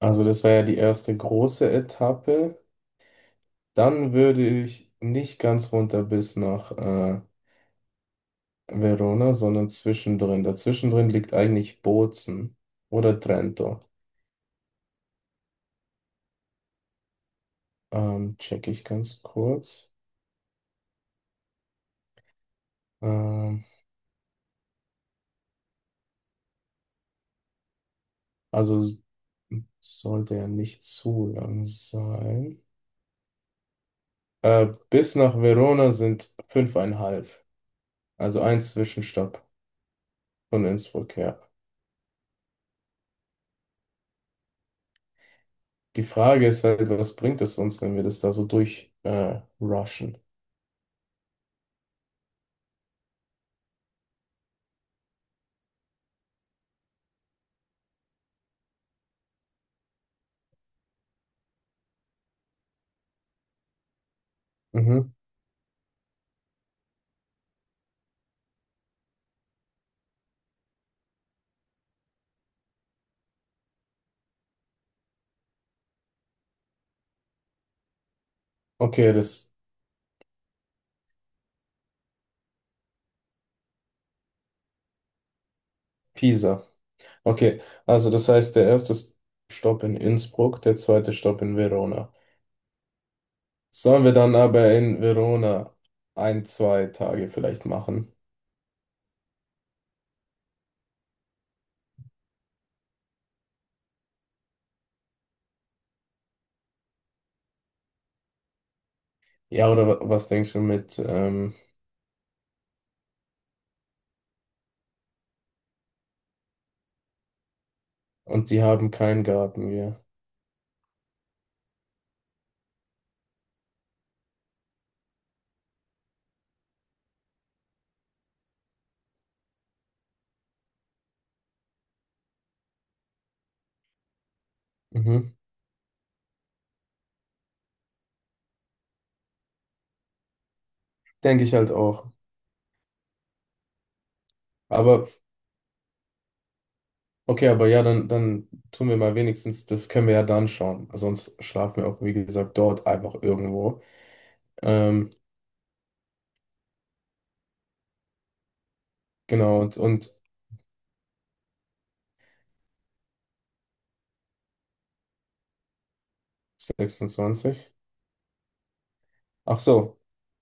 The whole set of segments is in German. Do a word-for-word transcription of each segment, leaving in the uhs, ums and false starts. Also das war ja die erste große Etappe. Dann würde ich nicht ganz runter bis nach äh, Verona, sondern zwischendrin. Dazwischendrin liegt eigentlich Bozen oder Trento. Ähm, check ich ganz kurz. Ähm, also s- sollte ja nicht zu lang sein. Äh, bis nach Verona sind fünfeinhalb. Also ein Zwischenstopp von Innsbruck, ja. Die Frage ist halt, was bringt es uns, wenn wir das da so durch äh, rushen? Mhm. Okay, das Pisa. Okay, also das heißt, der erste Stopp in Innsbruck, der zweite Stopp in Verona. Sollen wir dann aber in Verona ein, zwei Tage vielleicht machen? Ja, oder wa- was denkst du mit, ähm, und die haben keinen Garten, ja. Mhm. Denke ich halt auch. Aber, okay, aber ja, dann, dann tun wir mal wenigstens, das können wir ja dann schauen. Sonst schlafen wir auch, wie gesagt, dort einfach irgendwo. Ähm, genau, und, und sechsundzwanzigsten. Ach so.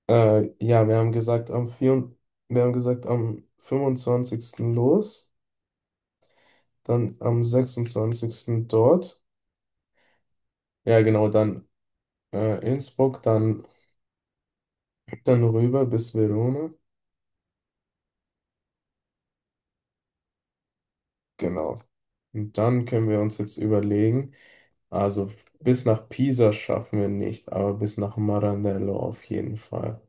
Äh, ja, wir haben gesagt, am vier, wir haben gesagt, am fünfundzwanzigsten los, dann am sechsundzwanzigsten dort. Ja, genau, dann äh, Innsbruck, dann, dann rüber bis Verona. Genau. Und dann können wir uns jetzt überlegen, also bis nach Pisa schaffen wir nicht, aber bis nach Maranello auf jeden Fall.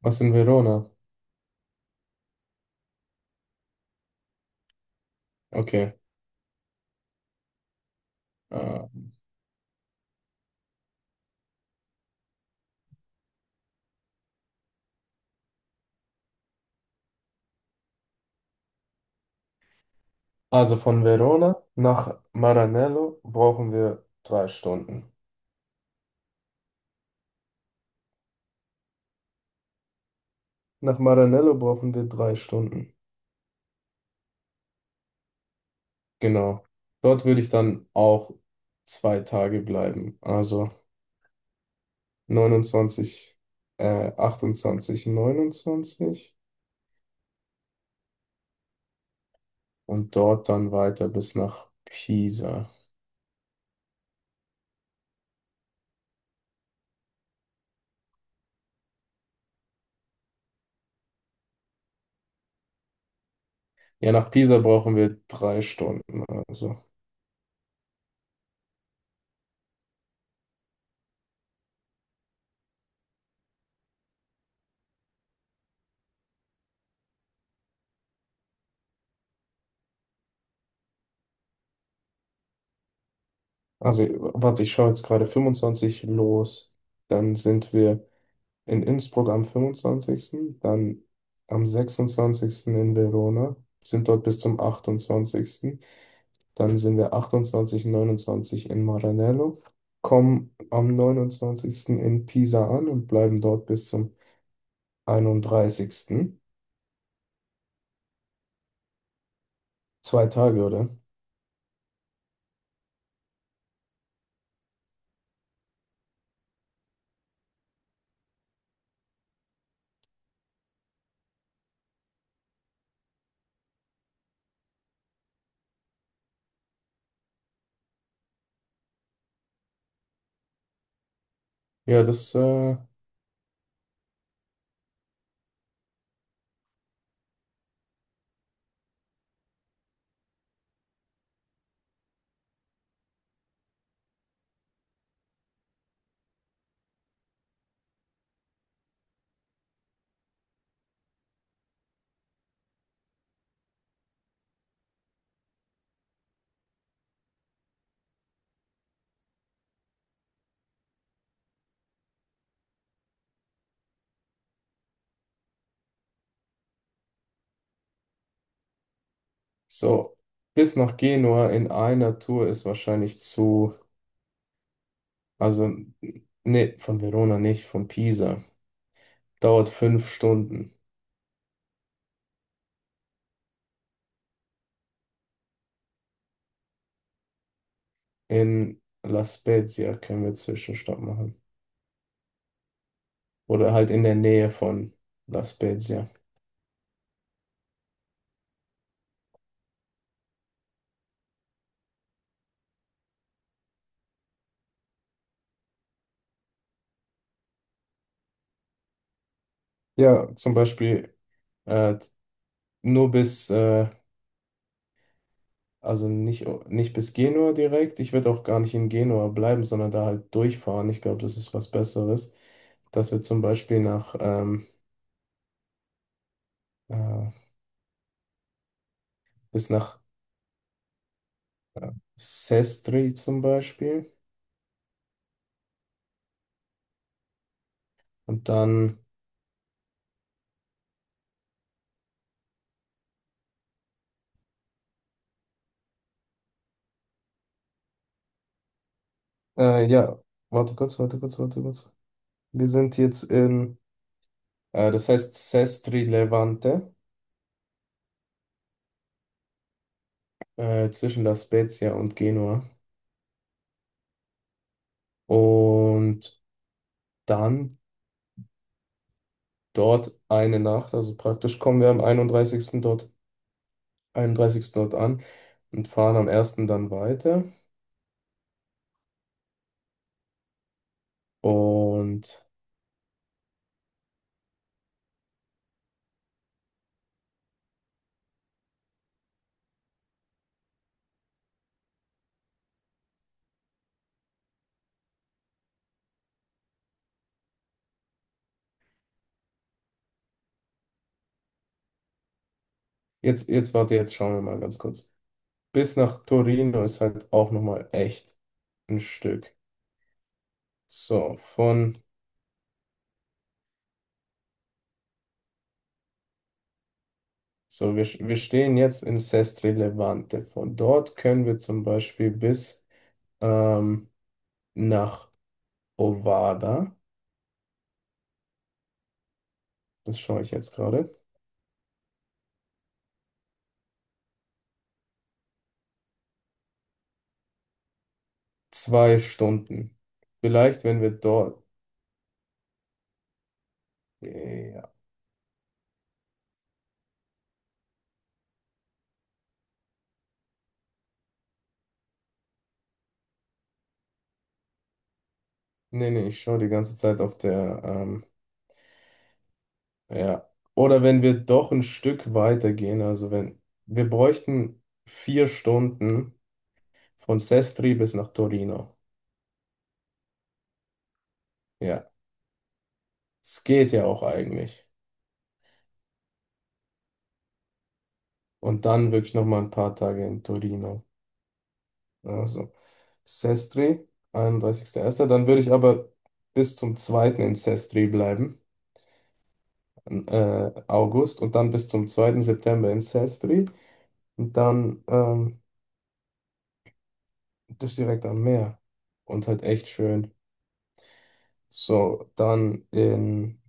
Was in Verona? Okay. Äh, also von Verona nach Maranello brauchen wir drei Stunden. Nach Maranello brauchen wir drei Stunden. Genau. Dort würde ich dann auch zwei Tage bleiben. Also neunundzwanzig, äh, achtundzwanzig, neunundzwanzig und dort dann weiter bis nach Pisa. Ja, nach Pisa brauchen wir drei Stunden. Also, also warte, ich schaue jetzt gerade fünfundzwanzig los. Dann sind wir in Innsbruck am fünfundzwanzigsten, dann am sechsundzwanzigsten in Verona, sind dort bis zum achtundzwanzigsten. Dann sind wir achtundzwanzig, neunundzwanzig in Maranello, kommen am neunundzwanzigsten in Pisa an und bleiben dort bis zum einunddreißigsten. Zwei Tage, oder? Ja, das äh, so bis nach Genua in einer Tour ist wahrscheinlich zu, also nee, von Verona nicht, von Pisa. Dauert fünf Stunden. In La Spezia können wir Zwischenstopp machen. Oder halt in der Nähe von La Spezia. Ja, zum Beispiel äh, nur bis, äh, also nicht, nicht bis Genua direkt. Ich würde auch gar nicht in Genua bleiben, sondern da halt durchfahren. Ich glaube, das ist was Besseres. Dass wir zum Beispiel nach, ähm, äh, bis nach äh, Sestri zum Beispiel. Und dann, äh, ja, warte kurz, warte kurz, warte kurz. Wir sind jetzt in, äh, das heißt Sestri Levante, äh, zwischen La Spezia und Genua. Und dann dort eine Nacht, also praktisch kommen wir am einunddreißigsten dort einunddreißigsten dort an und fahren am ersten dann weiter. Und jetzt, jetzt warte, jetzt schauen wir mal ganz kurz. Bis nach Torino ist halt auch nochmal echt ein Stück. So, von, so wir, wir stehen jetzt in Sestri Levante. Von dort können wir zum Beispiel bis ähm, nach Ovada, das schaue ich jetzt gerade, zwei Stunden. Vielleicht, wenn wir dort, ja, nee, nee, ich schaue die ganze Zeit auf der ähm, Ja. Oder wenn wir doch ein Stück weiter gehen, also wenn wir bräuchten vier Stunden von Sestri bis nach Torino. Ja, es geht ja auch eigentlich. Und dann wirklich noch mal ein paar Tage in Torino. Also Sestri, einunddreißigster erster. Dann würde ich aber bis zum zweiten in Sestri bleiben, äh, August, und dann bis zum zweiten September in Sestri. Und dann ähm, das direkt am Meer. Und halt echt schön. So, dann in.